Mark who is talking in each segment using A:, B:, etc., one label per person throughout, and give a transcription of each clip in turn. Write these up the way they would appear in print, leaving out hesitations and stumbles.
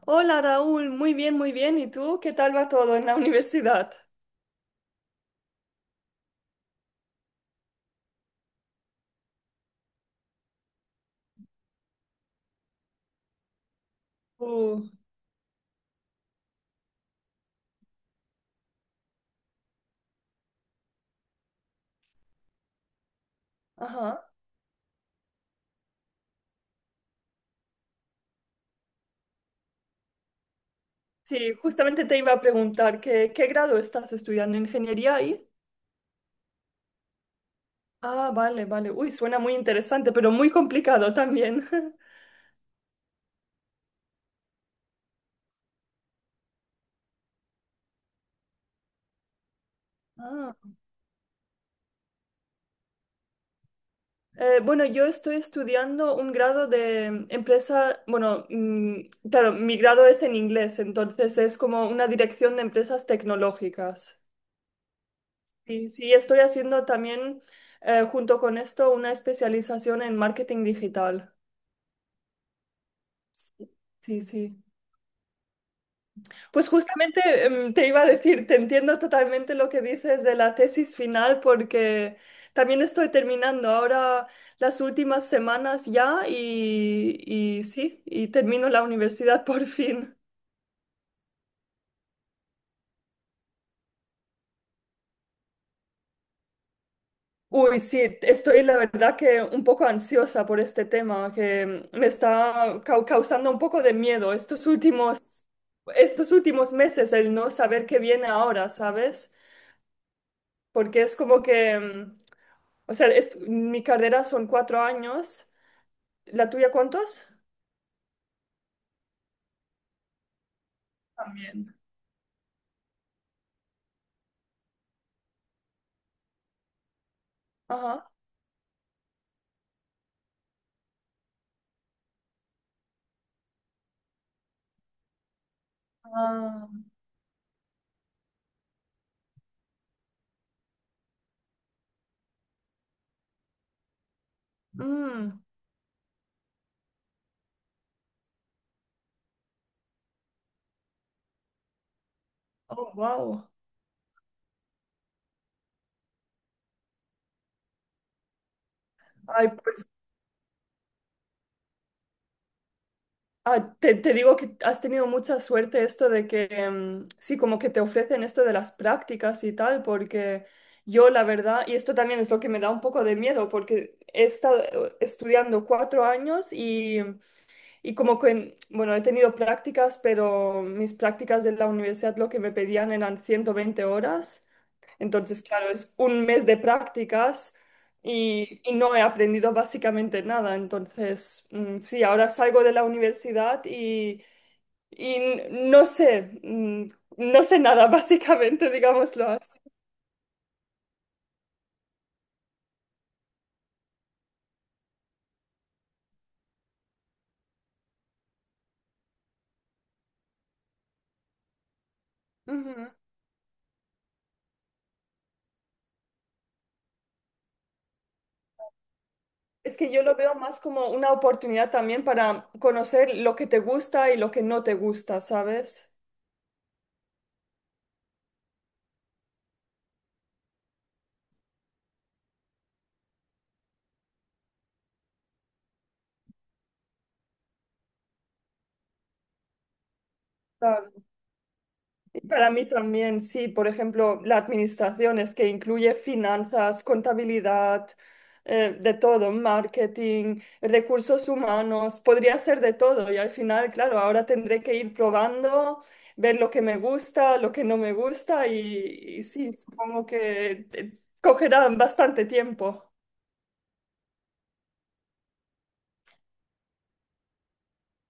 A: Hola Raúl, muy bien, muy bien. ¿Y tú? ¿Qué tal va todo en la universidad? Uh, ajá. Sí, justamente te iba a preguntar que, ¿qué grado estás estudiando? ¿Ingeniería ahí? Ah, vale, vale. Uy, suena muy interesante, pero muy complicado también. Ah, bueno, yo estoy estudiando un grado de empresa, bueno, claro, mi grado es en inglés, entonces es como una dirección de empresas tecnológicas. Sí, sí, estoy haciendo también junto con esto una especialización en marketing digital. Sí, sí, sí. Pues justamente te iba a decir, te entiendo totalmente lo que dices de la tesis final porque también estoy terminando ahora las últimas semanas ya y sí, y termino la universidad por fin. Uy, sí, estoy la verdad que un poco ansiosa por este tema, que me está causando un poco de miedo estos últimos meses, el no saber qué viene ahora, ¿sabes? Porque es como que, o sea, mi carrera son cuatro años, ¿la tuya cuántos? También. Ajá. Ah, mm, oh, wow. Ay, pues ah, te digo que has tenido mucha suerte esto de que, sí, como que te ofrecen esto de las prácticas y tal, porque yo la verdad, y esto también es lo que me da un poco de miedo, porque he estado estudiando cuatro años y como que, bueno, he tenido prácticas, pero mis prácticas de la universidad lo que me pedían eran 120 horas. Entonces, claro, es un mes de prácticas y no he aprendido básicamente nada. Entonces, mm, sí, ahora salgo de la universidad y no sé, mm, no sé nada básicamente, digámoslo así. Ujú. Es que yo lo veo más como una oportunidad también para conocer lo que te gusta y lo que no te gusta, ¿sabes? Para mí también, sí, por ejemplo, la administración es que incluye finanzas, contabilidad, de todo, marketing, recursos humanos, podría ser de todo y al final, claro, ahora tendré que ir probando, ver lo que me gusta, lo que no me gusta y sí, supongo que cogerá bastante tiempo.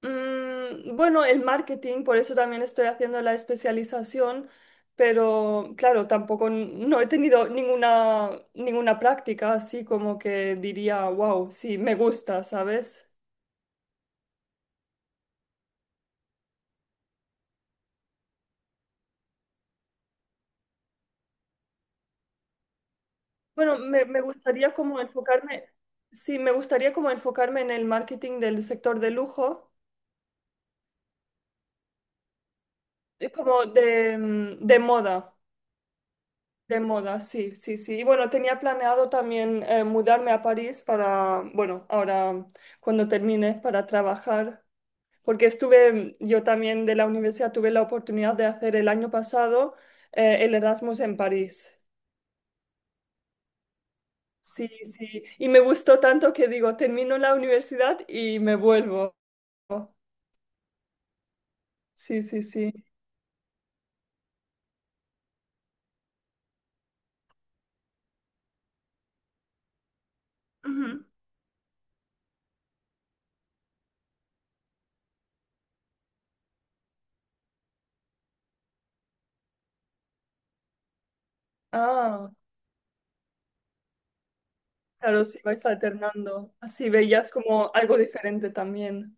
A: Mm, bueno, el marketing, por eso también estoy haciendo la especialización, pero claro, tampoco no he tenido ninguna práctica así como que diría, wow, sí, me gusta, ¿sabes? Bueno, me gustaría como enfocarme, sí, me gustaría como enfocarme en el marketing del sector de lujo, como de, mm, de moda. De moda, sí, sí, sí. Y bueno, tenía planeado también mudarme a París para, bueno, ahora cuando termine, para trabajar, porque estuve, yo también de la universidad tuve la oportunidad de hacer el año pasado el Erasmus en París. Sí, sí. Y me gustó tanto que digo, termino la universidad y me vuelvo. Sí, sí, sí. Ujú. Ah, claro, sí, vais alternando. Así veías como algo diferente también.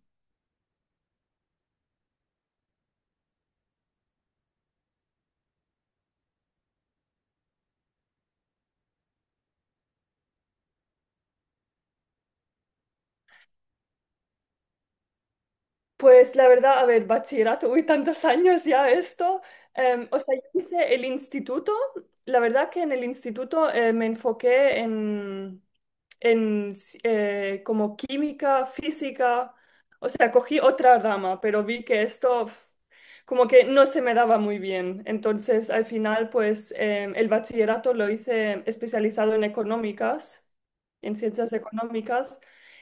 A: Pues la verdad, a ver, bachillerato, uy, tantos años ya esto. O sea, yo hice el instituto, la verdad que en el instituto me enfoqué en como química, física, o sea, cogí otra rama, pero vi que esto pf, como que no se me daba muy bien. Entonces, al final, pues el bachillerato lo hice especializado en económicas, en ciencias económicas,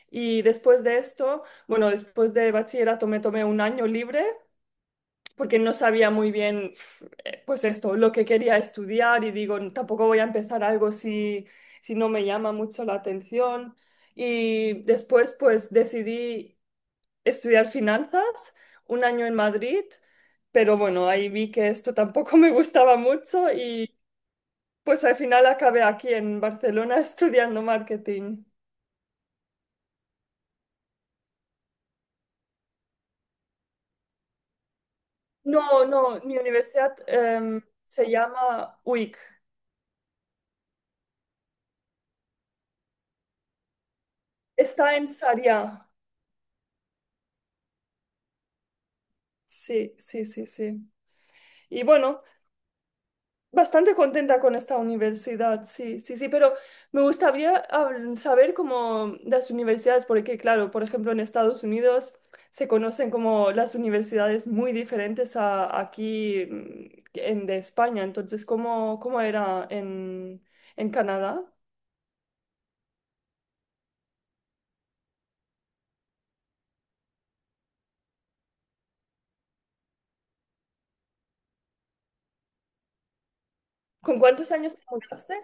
A: y después de esto... Bueno, después de bachillerato me tomé un año libre porque no sabía muy bien, pf, pues esto, lo que quería estudiar y digo, tampoco voy a empezar algo si, si no me llama mucho la atención. Y después, pues decidí estudiar finanzas un año en Madrid, pero bueno, ahí vi que esto tampoco me gustaba mucho y pues al final acabé aquí en Barcelona estudiando marketing. No, no, mi universidad se llama UIC. Está en Sarriá. Sí, sí, sí, sí. Y bueno, bastante contenta con esta universidad, sí, sí, sí, pero me gustaría saber cómo las universidades, porque claro, por ejemplo, en Estados Unidos se conocen como las universidades muy diferentes a aquí mm, en de España. Entonces, ¿cómo, cómo era en Canadá? ¿Con cuántos años te mudaste?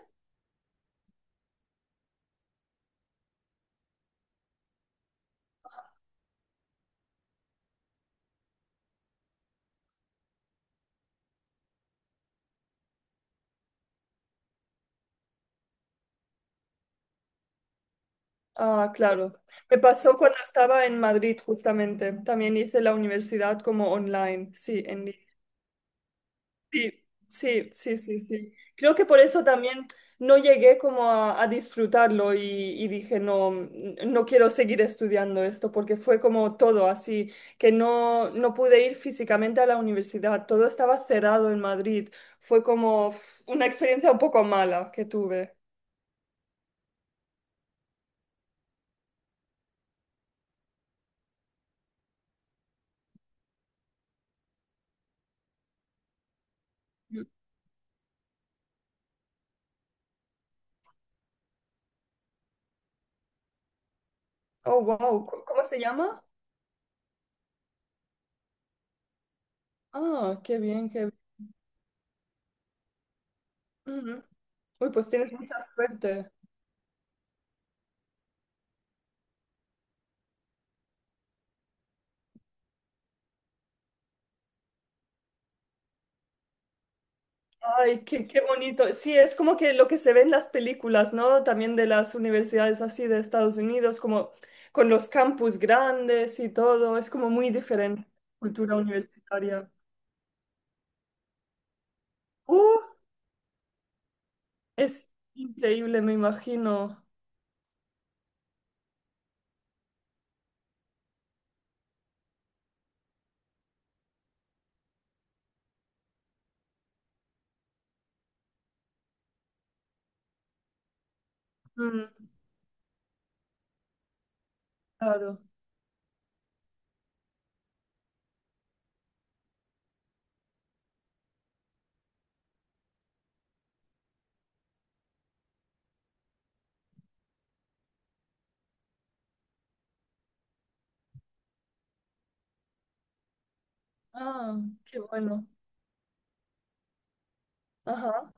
A: Ah, claro. Me pasó cuando estaba en Madrid, justamente. También hice la universidad como online. Sí, en línea. Sí, sí, sí, sí, sí. Creo que por eso también no llegué como a disfrutarlo y dije, no, no quiero seguir estudiando esto, porque fue como todo así, que no, no pude ir físicamente a la universidad. Todo estaba cerrado en Madrid. Fue como uf, una experiencia un poco mala que tuve. Mm. Oh, wow. ¿Cómo se llama? Ah, qué bien, qué bien. Ujú. Uy, pues tienes mucha suerte. Ay, qué, qué bonito. Sí, es como que lo que se ve en las películas, ¿no? También de las universidades así de Estados Unidos, como con los campus grandes y todo. Es como muy diferente cultura universitaria. Uh, es increíble, me imagino. Mm, claro. Ah, qué bueno. Ajá.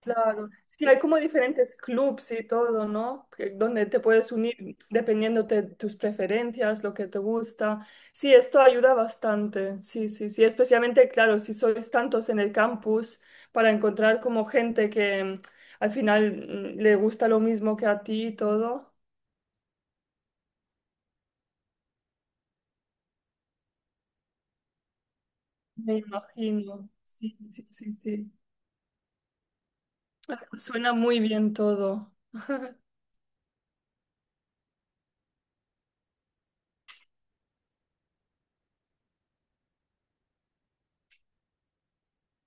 A: Claro, sí, hay como diferentes clubs y todo, ¿no? Que- Donde te puedes unir dependiendo de tus preferencias, lo que te gusta. Sí, esto ayuda bastante, sí, sí, sí, especialmente, claro, si sois tantos en el campus, para encontrar como gente que mm, al final mm, le gusta lo mismo que a ti y todo. Me imagino, sí, sí, sí, sí. Ah, suena muy bien todo.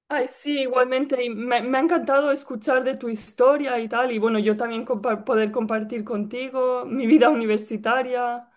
A: Ay, sí, igualmente, y me ha encantado escuchar de tu historia y tal, y bueno, yo también poder compartir contigo mi vida universitaria.